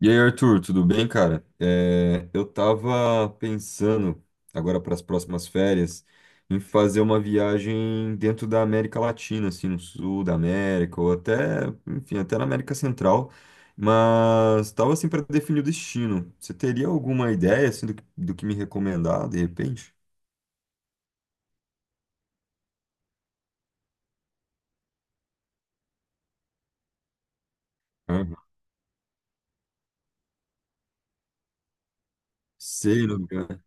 E aí, Arthur, tudo bem, cara? Eu tava pensando, agora para as próximas férias, em fazer uma viagem dentro da América Latina, assim, no sul da América, ou até, enfim, até na América Central, mas tava assim para definir o destino. Você teria alguma ideia, assim, do que me recomendar, de repente? Aham. Sei, no lugar.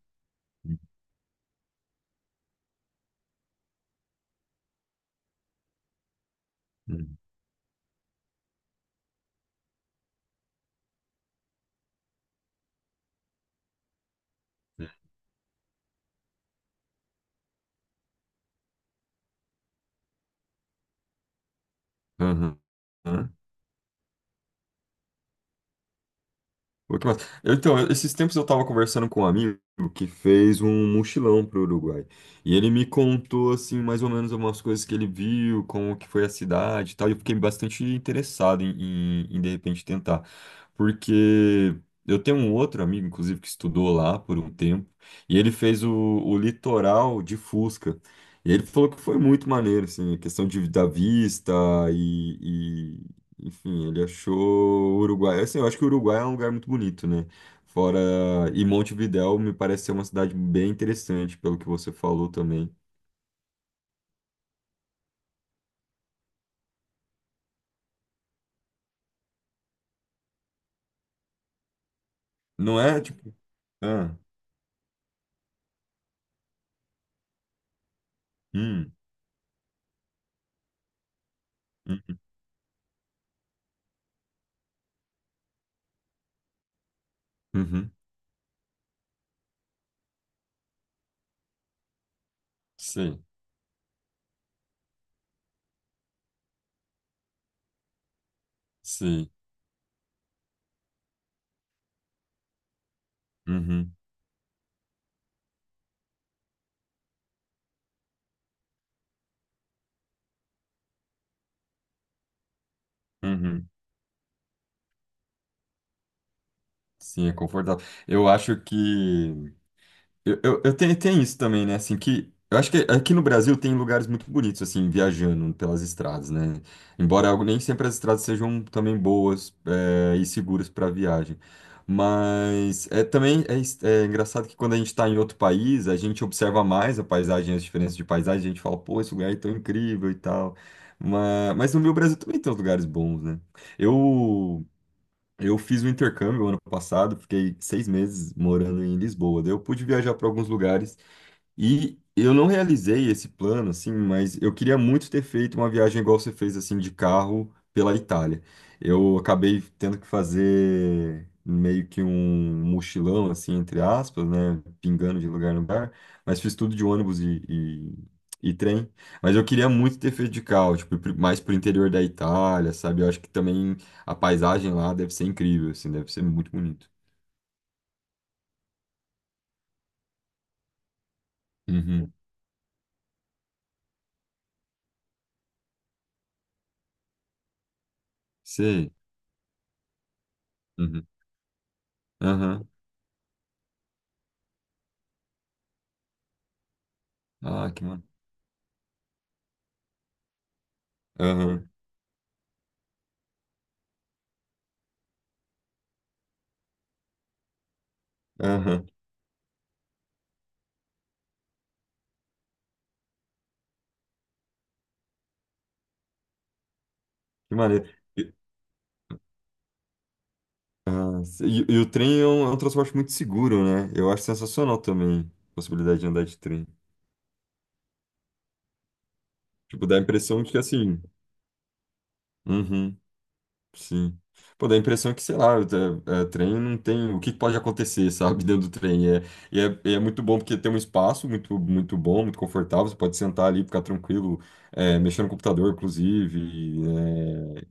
Aham. Pô, que massa. Então, esses tempos eu estava conversando com um amigo que fez um mochilão pro Uruguai. E ele me contou, assim, mais ou menos algumas coisas que ele viu, como que foi a cidade e tal. E eu fiquei bastante interessado em de repente, tentar. Porque eu tenho um outro amigo, inclusive, que estudou lá por um tempo. E ele fez o litoral de Fusca. E ele falou que foi muito maneiro, assim, a questão de, da vista, enfim, ele achou o Uruguai. Assim, eu acho que o Uruguai é um lugar muito bonito, né? Fora. E Montevidéu me parece ser uma cidade bem interessante, pelo que você falou também. Não é tipo. Ah, hum, hum, uhum. Sim, sim. Uhum, uhum. Sim, é confortável. Eu acho que. Eu tenho, tem isso também, né? Assim, que eu acho que aqui no Brasil tem lugares muito bonitos, assim, viajando pelas estradas, né? Embora nem sempre as estradas sejam também boas, e seguras para viagem. Mas é engraçado que quando a gente está em outro país, a gente observa mais a paisagem, as diferenças de paisagem, a gente fala, pô, esse lugar é tão incrível e tal. Mas no meu Brasil também tem uns lugares bons, né? Eu. Eu fiz o intercâmbio ano passado, fiquei 6 meses morando em Lisboa. Daí eu pude viajar para alguns lugares e eu não realizei esse plano, assim, mas eu queria muito ter feito uma viagem igual você fez, assim, de carro pela Itália. Eu acabei tendo que fazer meio que um mochilão, assim, entre aspas, né? Pingando de lugar em lugar, mas fiz tudo de ônibus e trem. Mas eu queria muito ter feito de carro, tipo, mais pro interior da Itália, sabe? Eu acho que também a paisagem lá deve ser incrível, assim, deve ser muito bonito. Uhum. Sei. Uhum. Aham. Ah, que mano. Aham, que maneiro. E, e o trem é um transporte muito seguro, né? Eu acho sensacional também a possibilidade de andar de trem. Tipo, dá a impressão de que assim. Uhum. Sim. Pô, dá a impressão que, sei lá, trem não tem. O que pode acontecer, sabe, dentro do trem? E é muito bom porque tem um espaço muito, muito bom, muito confortável. Você pode sentar ali, ficar tranquilo, mexer no computador, inclusive, e,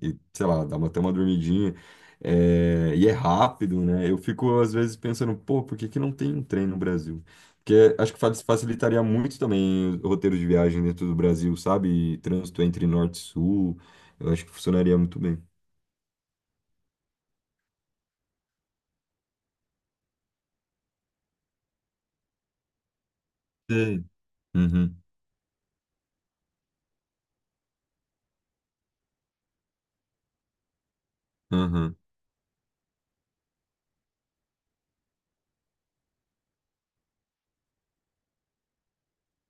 é, e, sei lá, até uma dormidinha. É, e é rápido, né? Eu fico, às vezes, pensando, pô, por que que não tem um trem no Brasil? Porque acho que facilitaria muito também o roteiro de viagem dentro do Brasil, sabe? E trânsito entre norte e sul. Eu acho que funcionaria muito bem. Sei. Uhum, uhum.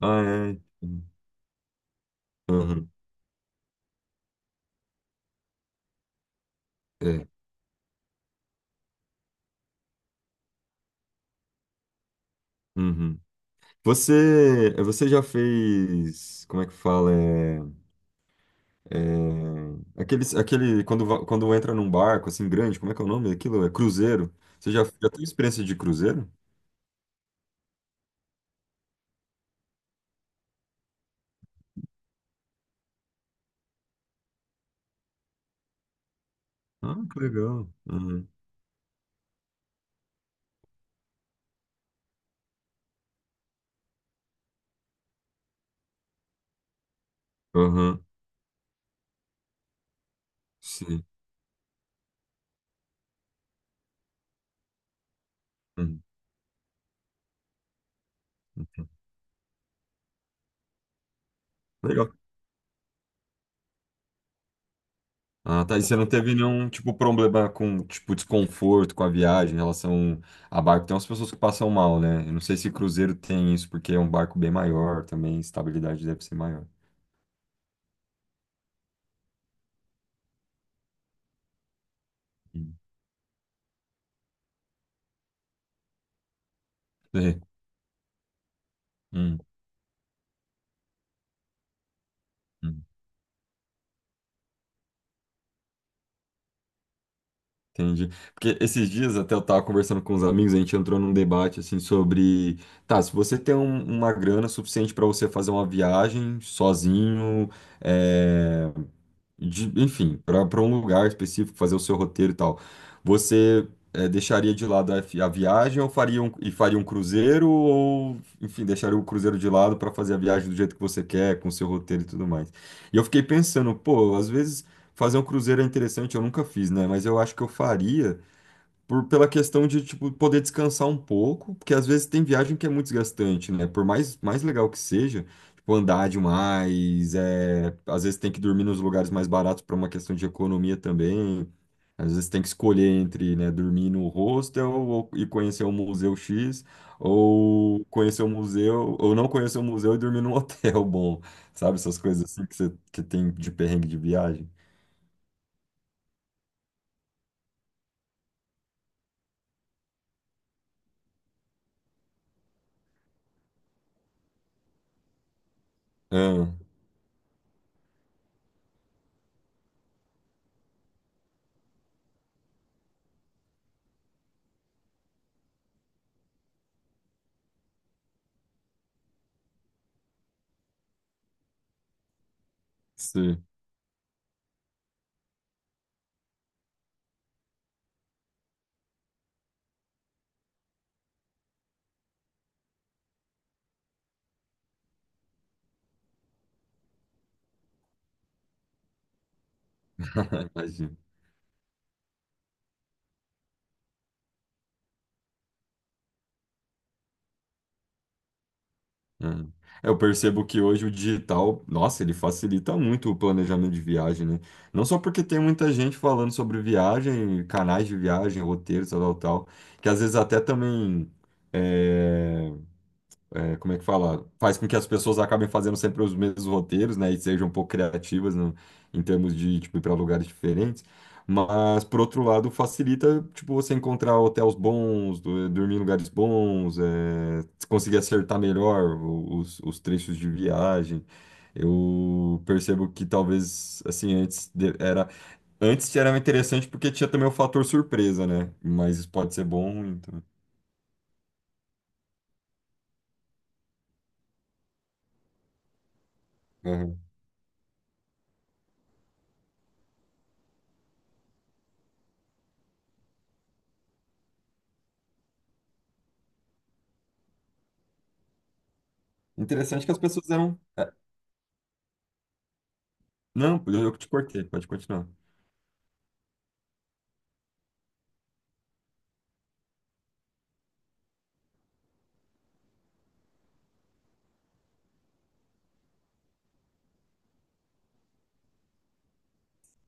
Ah, é. Uhum, é. Uhum. Você já fez, como é que fala? É, é, aqueles, aquele, quando, va- quando entra num barco assim grande, como é que é o nome daquilo? É cruzeiro. Já teve experiência de cruzeiro? Ah, que legal. Uhum. Uhum. Sim. Uhum. Legal. Ah, tá. E você não teve nenhum, tipo, problema com, tipo, desconforto com a viagem em relação a barco? Tem umas pessoas que passam mal, né? Eu não sei se cruzeiro tem isso, porque é um barco bem maior também, estabilidade deve ser maior. Hum. É. Hum, hum. Entendi. Porque esses dias até eu tava conversando com uns amigos, a gente entrou num debate assim sobre, tá, se você tem uma grana suficiente para você fazer uma viagem sozinho, é, enfim, para um lugar específico, fazer o seu roteiro e tal, você, deixaria de lado a viagem e faria um cruzeiro ou, enfim, deixaria o cruzeiro de lado para fazer a viagem do jeito que você quer, com o seu roteiro e tudo mais. E eu fiquei pensando, pô, às vezes fazer um cruzeiro é interessante, eu nunca fiz, né? Mas eu acho que eu faria pela questão de, tipo, poder descansar um pouco, porque às vezes tem viagem que é muito desgastante, né? Por mais legal que seja, tipo, andar demais, às vezes tem que dormir nos lugares mais baratos para uma questão de economia também. Às vezes tem que escolher entre, né, dormir no hostel e conhecer um museu X, ou conhecer um museu, ou não conhecer um museu e dormir num hotel bom, sabe? Essas coisas assim que, você, que tem de perrengue de viagem. Ah. Sim, imagino. É. Eu percebo que hoje o digital, nossa, ele facilita muito o planejamento de viagem, né? Não só porque tem muita gente falando sobre viagem, canais de viagem, roteiros, tal, tal, tal, que às vezes até também eh, como é que fala? Faz com que as pessoas acabem fazendo sempre os mesmos roteiros, né? E sejam um pouco criativas em termos de, tipo, ir para lugares diferentes. Mas, por outro lado, facilita, tipo, você encontrar hotéis bons, dormir em lugares bons, conseguir acertar melhor os trechos de viagem. Eu percebo que talvez, assim, antes era interessante porque tinha também o fator surpresa, né? Mas isso pode ser bom, então... Aham. Interessante que as pessoas eram. Não, eu que te cortei, pode continuar.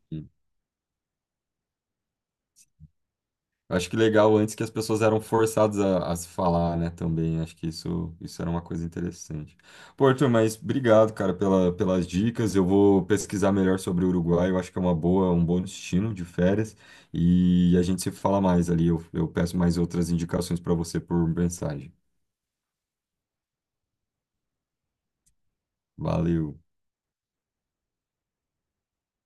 Sim. Acho que legal antes que as pessoas eram forçadas a se falar, né, também. Acho que isso era uma coisa interessante. Pô, Arthur, mas obrigado, cara, pelas dicas. Eu vou pesquisar melhor sobre o Uruguai. Eu acho que é uma boa, um bom destino de férias. E a gente se fala mais ali. Eu peço mais outras indicações para você por mensagem. Valeu.